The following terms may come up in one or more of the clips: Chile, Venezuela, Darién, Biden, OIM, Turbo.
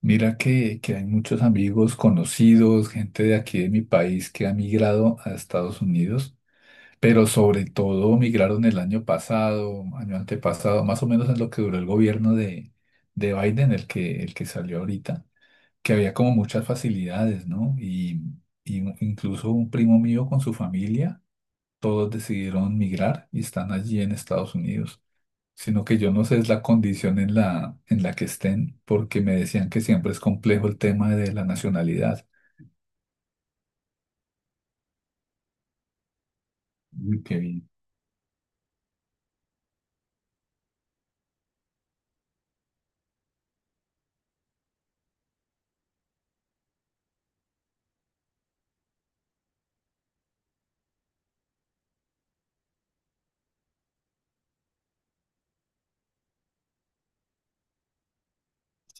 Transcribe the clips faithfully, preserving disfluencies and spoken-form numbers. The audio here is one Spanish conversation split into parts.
Mira que, que hay muchos amigos, conocidos, gente de aquí de mi país que ha migrado a Estados Unidos, pero sobre todo migraron el año pasado, año antepasado, más o menos en lo que duró el gobierno de, de Biden, el que, el que salió ahorita, que había como muchas facilidades, ¿no? Y, y un- incluso un primo mío con su familia, todos decidieron migrar y están allí en Estados Unidos, sino que yo no sé es la condición en la, en la que estén, porque me decían que siempre es complejo el tema de la nacionalidad. Uy, qué bien.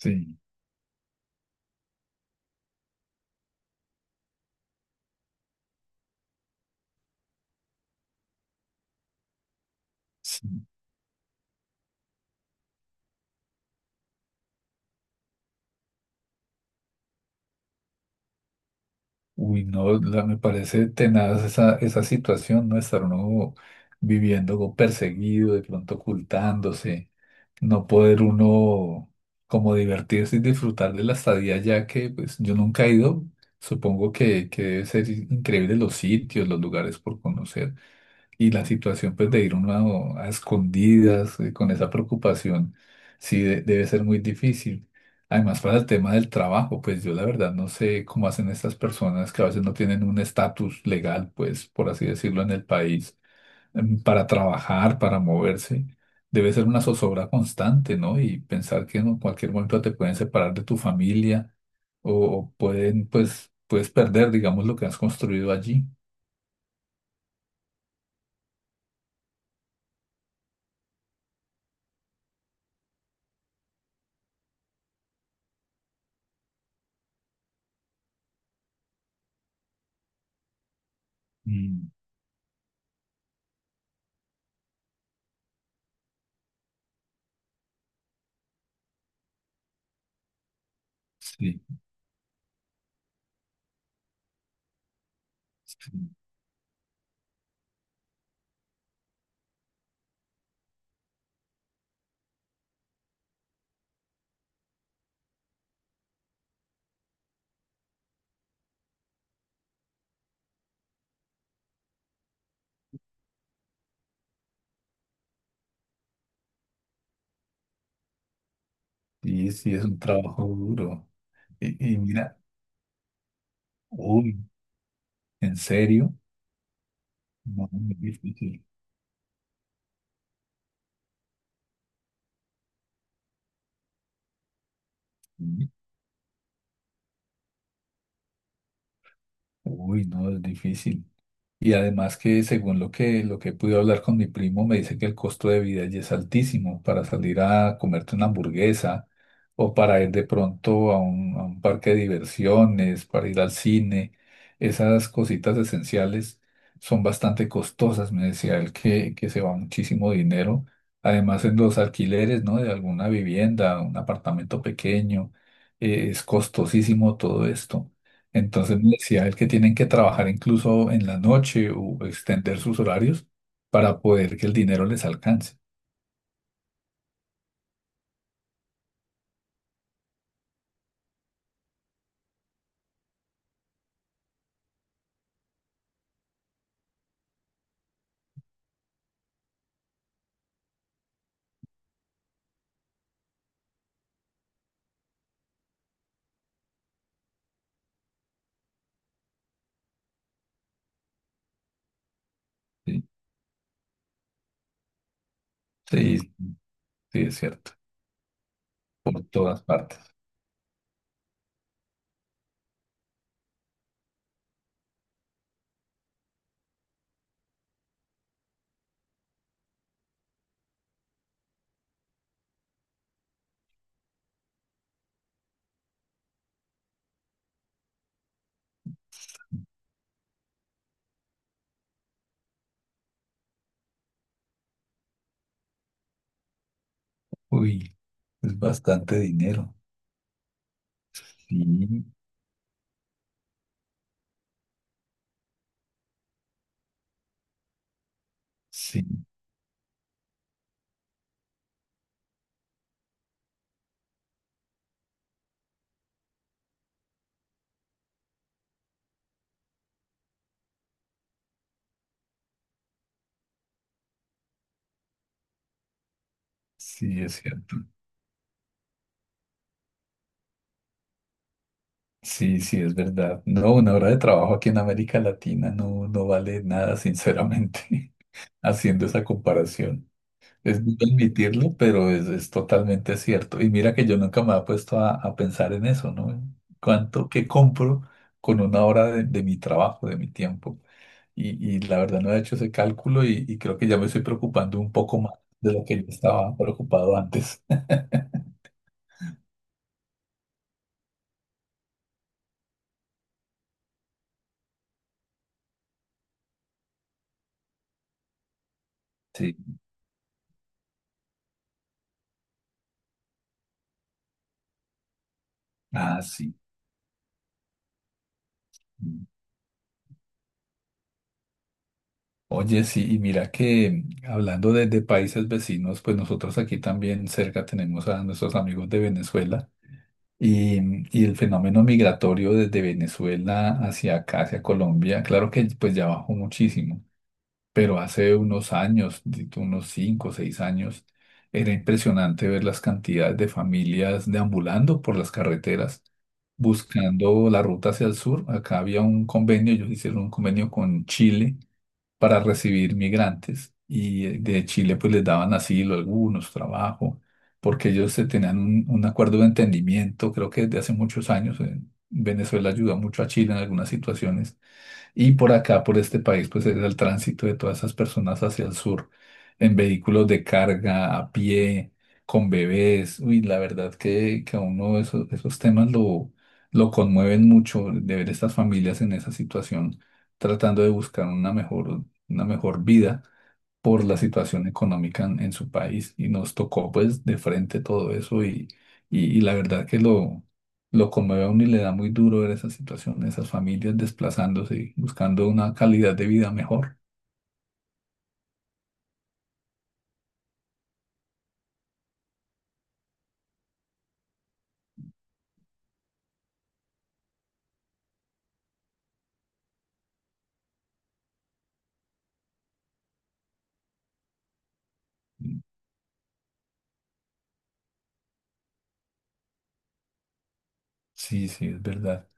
Sí, sí. Uy, no, la- me parece tenaz esa, esa situación, ¿no? Estar uno viviendo como perseguido, de pronto ocultándose, no poder uno como divertirse y disfrutar de la estadía, ya que pues yo nunca he ido. Supongo que, que debe ser increíble los sitios, los lugares por conocer. Y la situación pues de ir uno a, a escondidas, eh, con esa preocupación, sí de- debe ser muy difícil. Además, para el tema del trabajo, pues yo la verdad no sé cómo hacen estas personas que a veces no tienen un estatus legal, pues por así decirlo, en el país, em, para trabajar, para moverse. Debe ser una zozobra constante, ¿no? Y pensar que en cualquier momento te pueden separar de tu familia o, o pueden, pues, puedes perder, digamos, lo que has construido allí. Mm, sí. Sí. Sí, sí, es un trabajo duro. Y, y mira, uy, ¿en serio? No, es difícil. Uy, no, es difícil. Y además que según lo que, lo que pude hablar con mi primo, me dice que el costo de vida allí es altísimo para salir a comerte una hamburguesa o para ir de pronto a un, a un parque de diversiones, para ir al cine. Esas cositas esenciales son bastante costosas, me decía él que, que se va muchísimo dinero. Además en los alquileres, ¿no? De alguna vivienda, un apartamento pequeño, eh, es costosísimo todo esto. Entonces me decía él que tienen que trabajar incluso en la noche o extender sus horarios para poder que el dinero les alcance. Sí, sí, sí, es cierto. Por todas partes. Uy, es bastante dinero. Sí, sí, sí, es cierto. Sí, sí, es verdad. No, una hora de trabajo aquí en América Latina, no, no vale nada, sinceramente, haciendo esa comparación. Es duro admitirlo, pero es, es totalmente cierto. Y mira que yo nunca me había puesto a, a pensar en eso, ¿no? ¿Cuánto que compro con una hora de, de mi trabajo, de mi tiempo? Y, y la verdad no he hecho ese cálculo y, y creo que ya me estoy preocupando un poco más de lo que yo estaba preocupado antes. Sí, ah, sí. Oye, sí, y mira que hablando de, de países vecinos, pues nosotros aquí también cerca tenemos a nuestros amigos de Venezuela. Y, y el fenómeno migratorio desde Venezuela hacia acá, hacia Colombia, claro que pues ya bajó muchísimo, pero hace unos años, di tú unos cinco o seis años, era impresionante ver las cantidades de familias deambulando por las carreteras, buscando la ruta hacia el sur. Acá había un convenio, ellos hicieron un convenio con Chile para recibir migrantes y, eh, de Chile pues les daban asilo algunos, trabajo, porque ellos se tenían un, un acuerdo de entendimiento, creo que desde hace muchos años, eh, Venezuela ayuda mucho a Chile en algunas situaciones y por acá, por este país, pues es el tránsito de todas esas personas hacia el sur, en vehículos de carga, a pie, con bebés. Uy, la verdad que, que a uno esos, esos temas lo, lo conmueven mucho de ver estas familias en esa situación, tratando de buscar una mejor, una mejor vida por la situación económica en, en su país y nos tocó pues de frente todo eso y, y, y la verdad que lo, lo conmueve a uno y le da muy duro ver esa situación, esas familias desplazándose y buscando una calidad de vida mejor. Sí, sí, es verdad.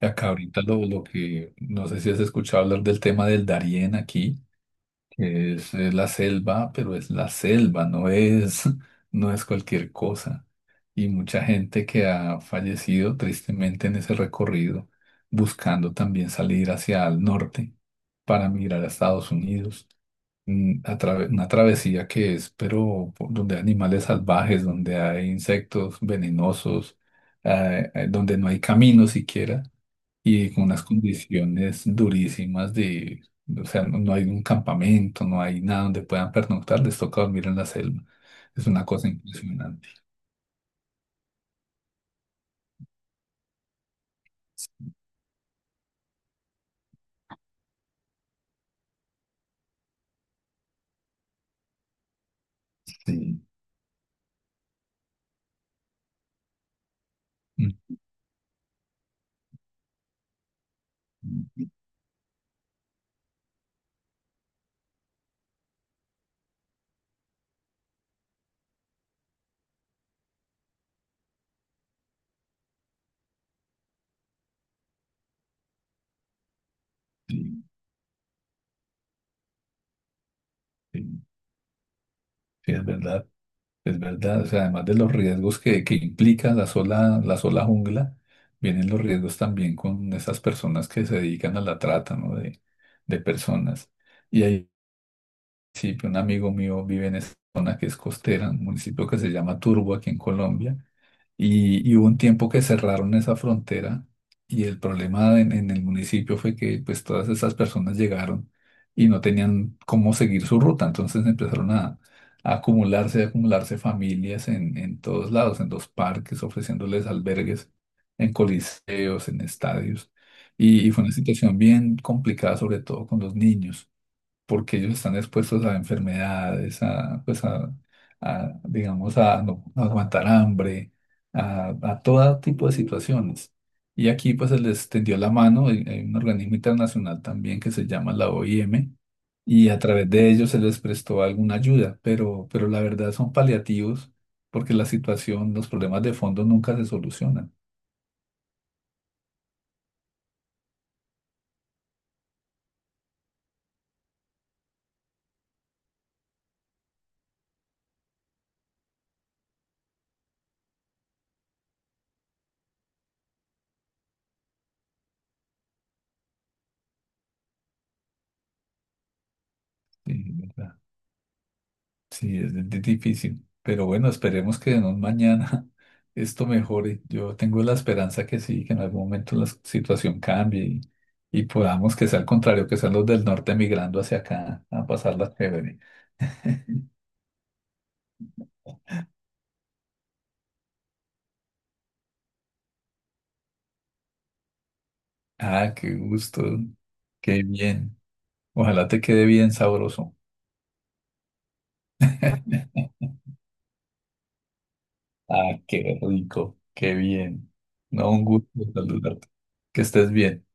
Acá ahorita lo, lo que, no sé si has escuchado hablar del tema del Darién aquí. Que es, es la selva, pero es la selva, no es, no es cualquier cosa. Y mucha gente que ha fallecido tristemente en ese recorrido, buscando también salir hacia el norte para migrar a Estados Unidos. Mm, a trave- una travesía que es, pero por- donde hay animales salvajes, donde hay insectos venenosos, eh, eh, donde no hay camino siquiera y con unas condiciones durísimas de, o sea, no, no hay un campamento, no hay nada donde puedan pernoctar, les toca dormir en la selva. Es una cosa impresionante. Sí. Mm. Mm. Sí, sí, sí, es verdad, es verdad. O sea, además de los riesgos que, que implica la sola, la sola jungla, vienen los riesgos también con esas personas que se dedican a la trata, ¿no? De, de personas. Y hay, sí, un amigo mío vive en esa zona que es costera, un municipio que se llama Turbo aquí en Colombia, y, y hubo un tiempo que cerraron esa frontera y el problema en, en el municipio fue que pues todas esas personas llegaron y no tenían cómo seguir su ruta, entonces empezaron a, a acumularse, a acumularse familias en, en todos lados, en los parques, ofreciéndoles albergues, en coliseos, en estadios, y y fue una situación bien complicada, sobre todo con los niños porque ellos están expuestos a enfermedades, a, pues a, a, digamos, a no no aguantar hambre, a, a todo tipo de situaciones. Y aquí pues se les tendió la mano, hay hay un organismo internacional también que se llama la O I M, y a través de ellos se les prestó alguna ayuda, pero, pero la verdad son paliativos porque la situación, los problemas de fondo nunca se solucionan. ¿Sí? Sí, es di- difícil, pero bueno, esperemos que en un mañana esto mejore. Yo tengo la esperanza que sí, que en algún momento la situación cambie y, y podamos que sea al contrario, que sean los del norte migrando hacia acá a pasarla chévere. Ah, qué gusto, qué bien. Ojalá te quede bien sabroso. Ah, qué rico, qué bien. No, un gusto saludarte. Que estés bien.